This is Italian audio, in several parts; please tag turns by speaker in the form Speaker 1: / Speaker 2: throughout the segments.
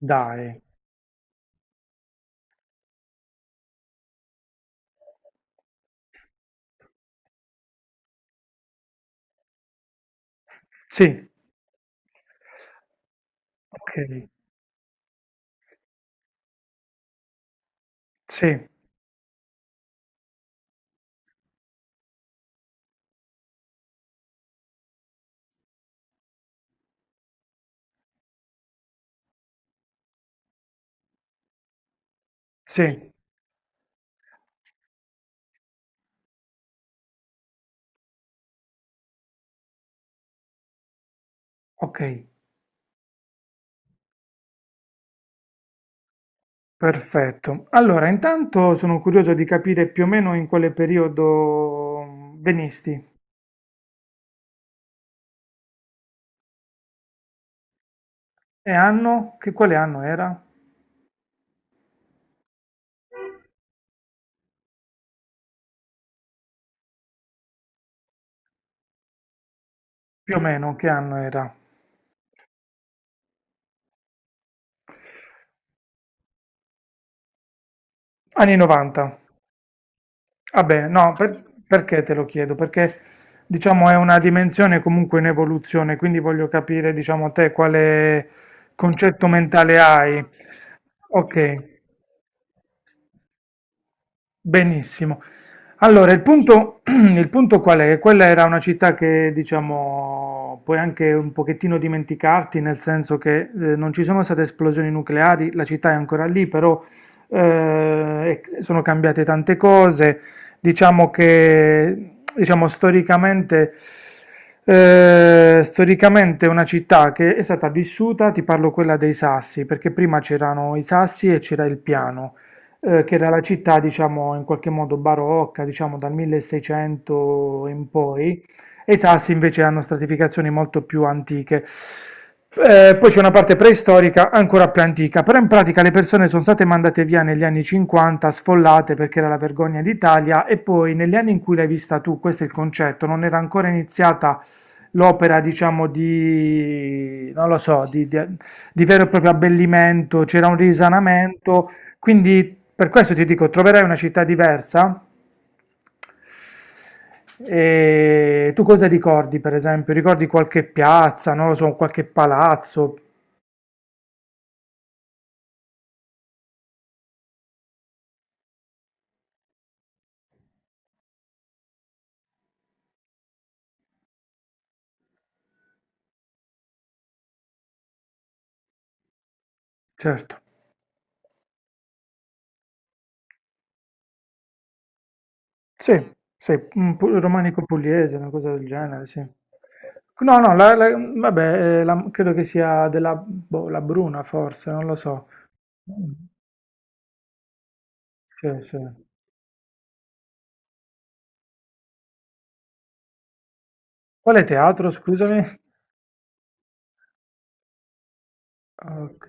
Speaker 1: Dai, sì, ok, sì, sì, ok, perfetto. Allora, intanto sono curioso di capire più o meno in quale periodo venisti. E anno? Che quale anno era? Più o meno, che anno era? Anni 90. Vabbè, no, perché te lo chiedo? Perché, diciamo, è una dimensione comunque in evoluzione, quindi voglio capire, diciamo, te quale concetto mentale hai. Ok. Benissimo. Allora, il punto, il punto qual è? Che quella era una città che, diciamo, puoi anche un pochettino dimenticarti, nel senso che non ci sono state esplosioni nucleari, la città è ancora lì, però e sono cambiate tante cose. Diciamo che, diciamo, storicamente, storicamente è una città che è stata vissuta, ti parlo quella dei Sassi, perché prima c'erano i Sassi e c'era il piano, che era la città, diciamo, in qualche modo barocca, diciamo dal 1600 in poi, e i Sassi invece hanno stratificazioni molto più antiche. Poi c'è una parte preistorica ancora più antica, però in pratica le persone sono state mandate via negli anni 50, sfollate perché era la vergogna d'Italia, e poi negli anni in cui l'hai vista tu, questo è il concetto, non era ancora iniziata l'opera, diciamo, di, non lo so, di vero e proprio abbellimento, c'era un risanamento, quindi per questo ti dico, troverai una città diversa. E tu cosa ricordi, per esempio? Ricordi qualche piazza, non lo so, qualche palazzo? Certo, sì, sì, romanico pugliese, una cosa del genere, sì. No, no, vabbè, credo che sia della, boh, la Bruna, forse, non lo so. Mm. Sì, sì. Quale teatro, scusami? Ok.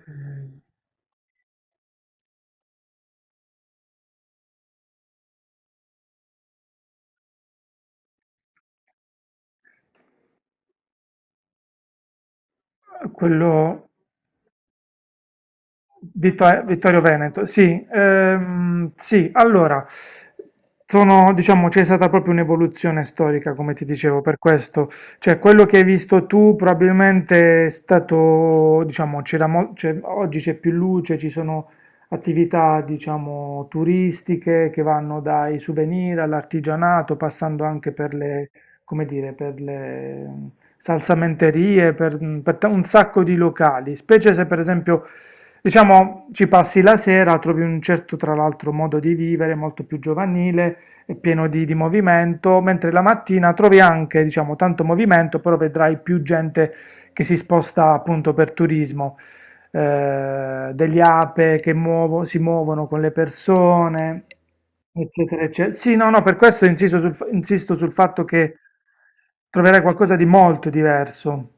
Speaker 1: Quello... Vittorio Veneto, sì, sì, allora, sono, diciamo, c'è stata proprio un'evoluzione storica, come ti dicevo, per questo, cioè quello che hai visto tu probabilmente è stato, diciamo, oggi c'è più luce, ci sono attività, diciamo, turistiche che vanno dai souvenir all'artigianato, passando anche per le, come dire, per le, salsamenterie, per un sacco di locali, specie se per esempio, diciamo, ci passi la sera, trovi un certo, tra l'altro, modo di vivere molto più giovanile e pieno di movimento, mentre la mattina trovi anche, diciamo, tanto movimento, però vedrai più gente che si sposta appunto per turismo, degli ape che si muovono con le persone, eccetera, eccetera. Sì, no, no, per questo insisto sul, insisto sul fatto che troverai qualcosa di molto diverso,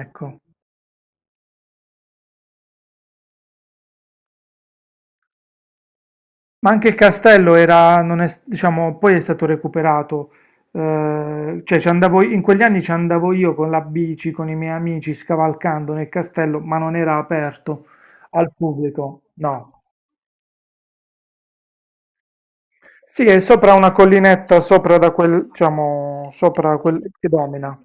Speaker 1: ecco. Ma anche il castello era, non è s- diciamo, poi è stato recuperato. Cioè, ci andavo, in quegli anni ci andavo io con la bici, con i miei amici, scavalcando nel castello, ma non era aperto al pubblico, no. Sì, è sopra una collinetta, sopra da quel, diciamo, sopra quel che domina.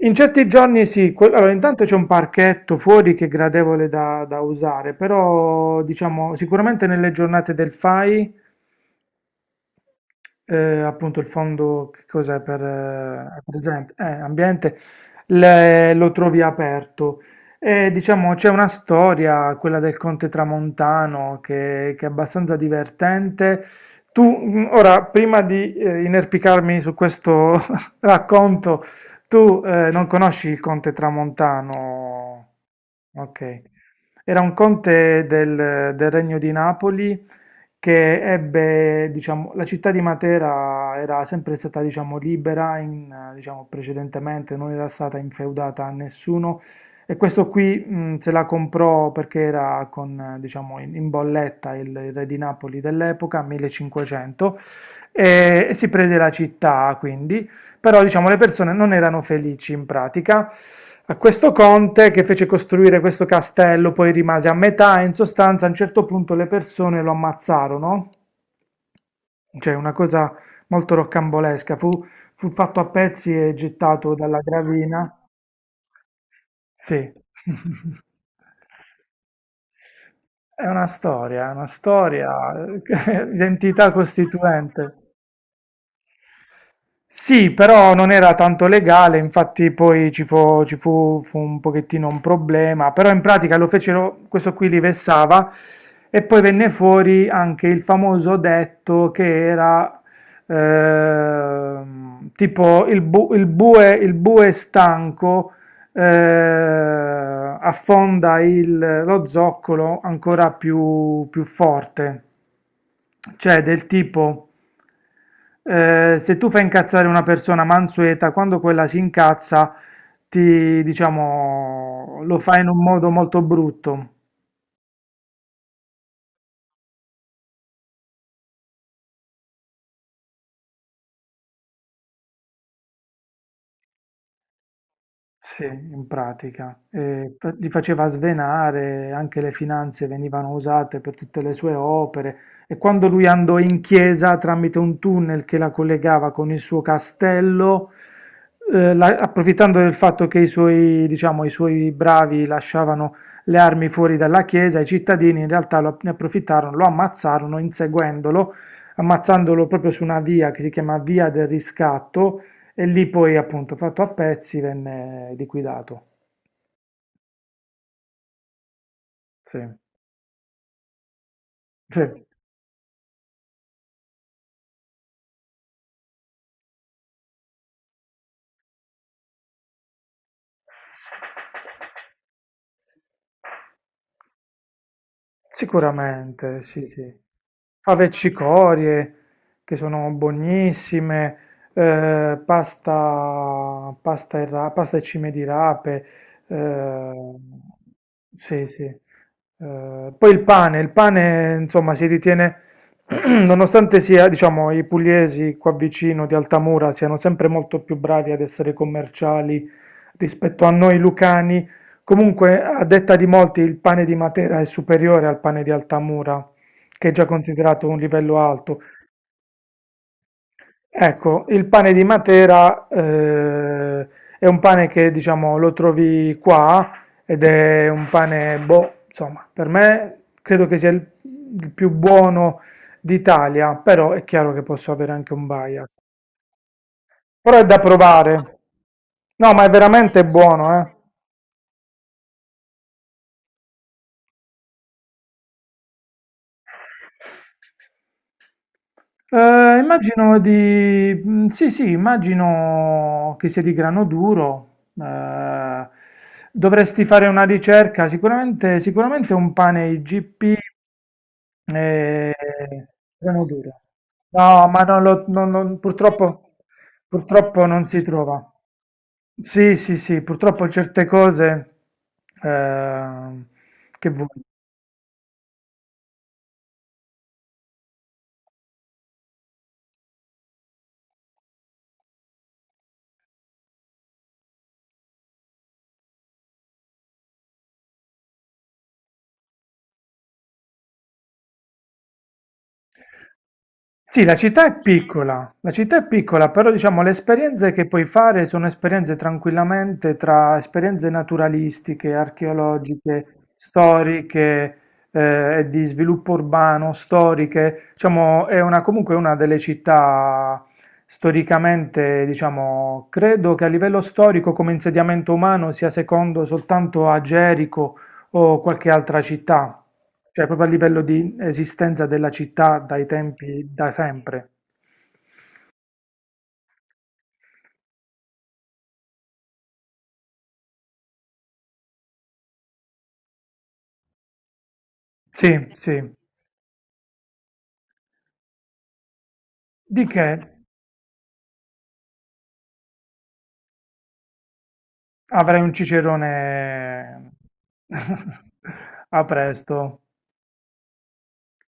Speaker 1: In certi giorni sì, allora intanto c'è un parchetto fuori che è gradevole da, da usare, però diciamo sicuramente nelle giornate del FAI, appunto il fondo, che cos'è, per, presente, ambiente, lo trovi aperto. E, diciamo, c'è una storia, quella del Conte Tramontano, che è abbastanza divertente. Tu, ora, prima di inerpicarmi su questo racconto, tu, non conosci il Conte Tramontano? Ok. Era un conte del, del Regno di Napoli che ebbe, diciamo, la città di Matera era sempre stata, diciamo, libera in, diciamo, precedentemente, non era stata infeudata a nessuno e questo qui, se la comprò perché era con, diciamo, in, in bolletta il re di Napoli dell'epoca, 1500, e si prese la città, quindi, però diciamo le persone non erano felici in pratica. A questo conte che fece costruire questo castello poi rimase a metà e in sostanza a un certo punto le persone lo ammazzarono. Cioè una cosa molto roccambolesca, fu, fu fatto a pezzi e gettato dalla gravina. Sì. È una storia, identità costituente. Sì, però non era tanto legale, infatti poi ci fu, fu un pochettino un problema, però in pratica lo fecero, questo qui li vessava e poi venne fuori anche il famoso detto che era tipo il, il bue stanco eh, affonda lo zoccolo ancora più forte, cioè del tipo, se tu fai incazzare una persona mansueta, quando quella si incazza, ti, diciamo, lo fai in un modo molto brutto. Sì, in pratica. Li faceva svenare, anche le finanze venivano usate per tutte le sue opere e quando lui andò in chiesa tramite un tunnel che la collegava con il suo castello, approfittando del fatto che i suoi, diciamo, i suoi bravi lasciavano le armi fuori dalla chiesa, i cittadini in realtà ne approfittarono, lo ammazzarono inseguendolo, ammazzandolo proprio su una via che si chiama Via del Riscatto e lì poi appunto fatto a pezzi venne liquidato. Sì, sì. Sicuramente, sì. Sì, sì. Fave e cicorie che sono buonissime, pasta, pasta e cime di rape, eh, sì, sì. Poi il pane, insomma, si ritiene, nonostante sia, diciamo, i pugliesi qua vicino di Altamura siano sempre molto più bravi ad essere commerciali rispetto a noi lucani, comunque, a detta di molti, il pane di Matera è superiore al pane di Altamura, che è già considerato un livello alto. Ecco, il pane di Matera, è un pane che, diciamo, lo trovi qua ed è un pane, boh, insomma, per me credo che sia il più buono d'Italia, però è chiaro che posso avere anche un bias. Però è da provare. No, ma è veramente buono, eh. Immagino di... mm, sì, sì, immagino che sia di grano duro. Eh, dovresti fare una ricerca, sicuramente, sicuramente un pane IGP, eh, grano duro. No, ma non lo- non- non- purtroppo, purtroppo non si trova. Sì, sì, sì, purtroppo certe cose... eh, che vuoi? Sì, la città è piccola, la città è piccola, però diciamo le esperienze che puoi fare sono esperienze tranquillamente tra esperienze naturalistiche, archeologiche, storiche, e di sviluppo urbano, storiche. Diciamo, è una, comunque una delle città storicamente, diciamo, credo che a livello storico come insediamento umano sia secondo soltanto a Gerico o qualche altra città, cioè proprio a livello di esistenza della città dai tempi da sempre. Sì, sì. Di che avrei un cicerone a presto.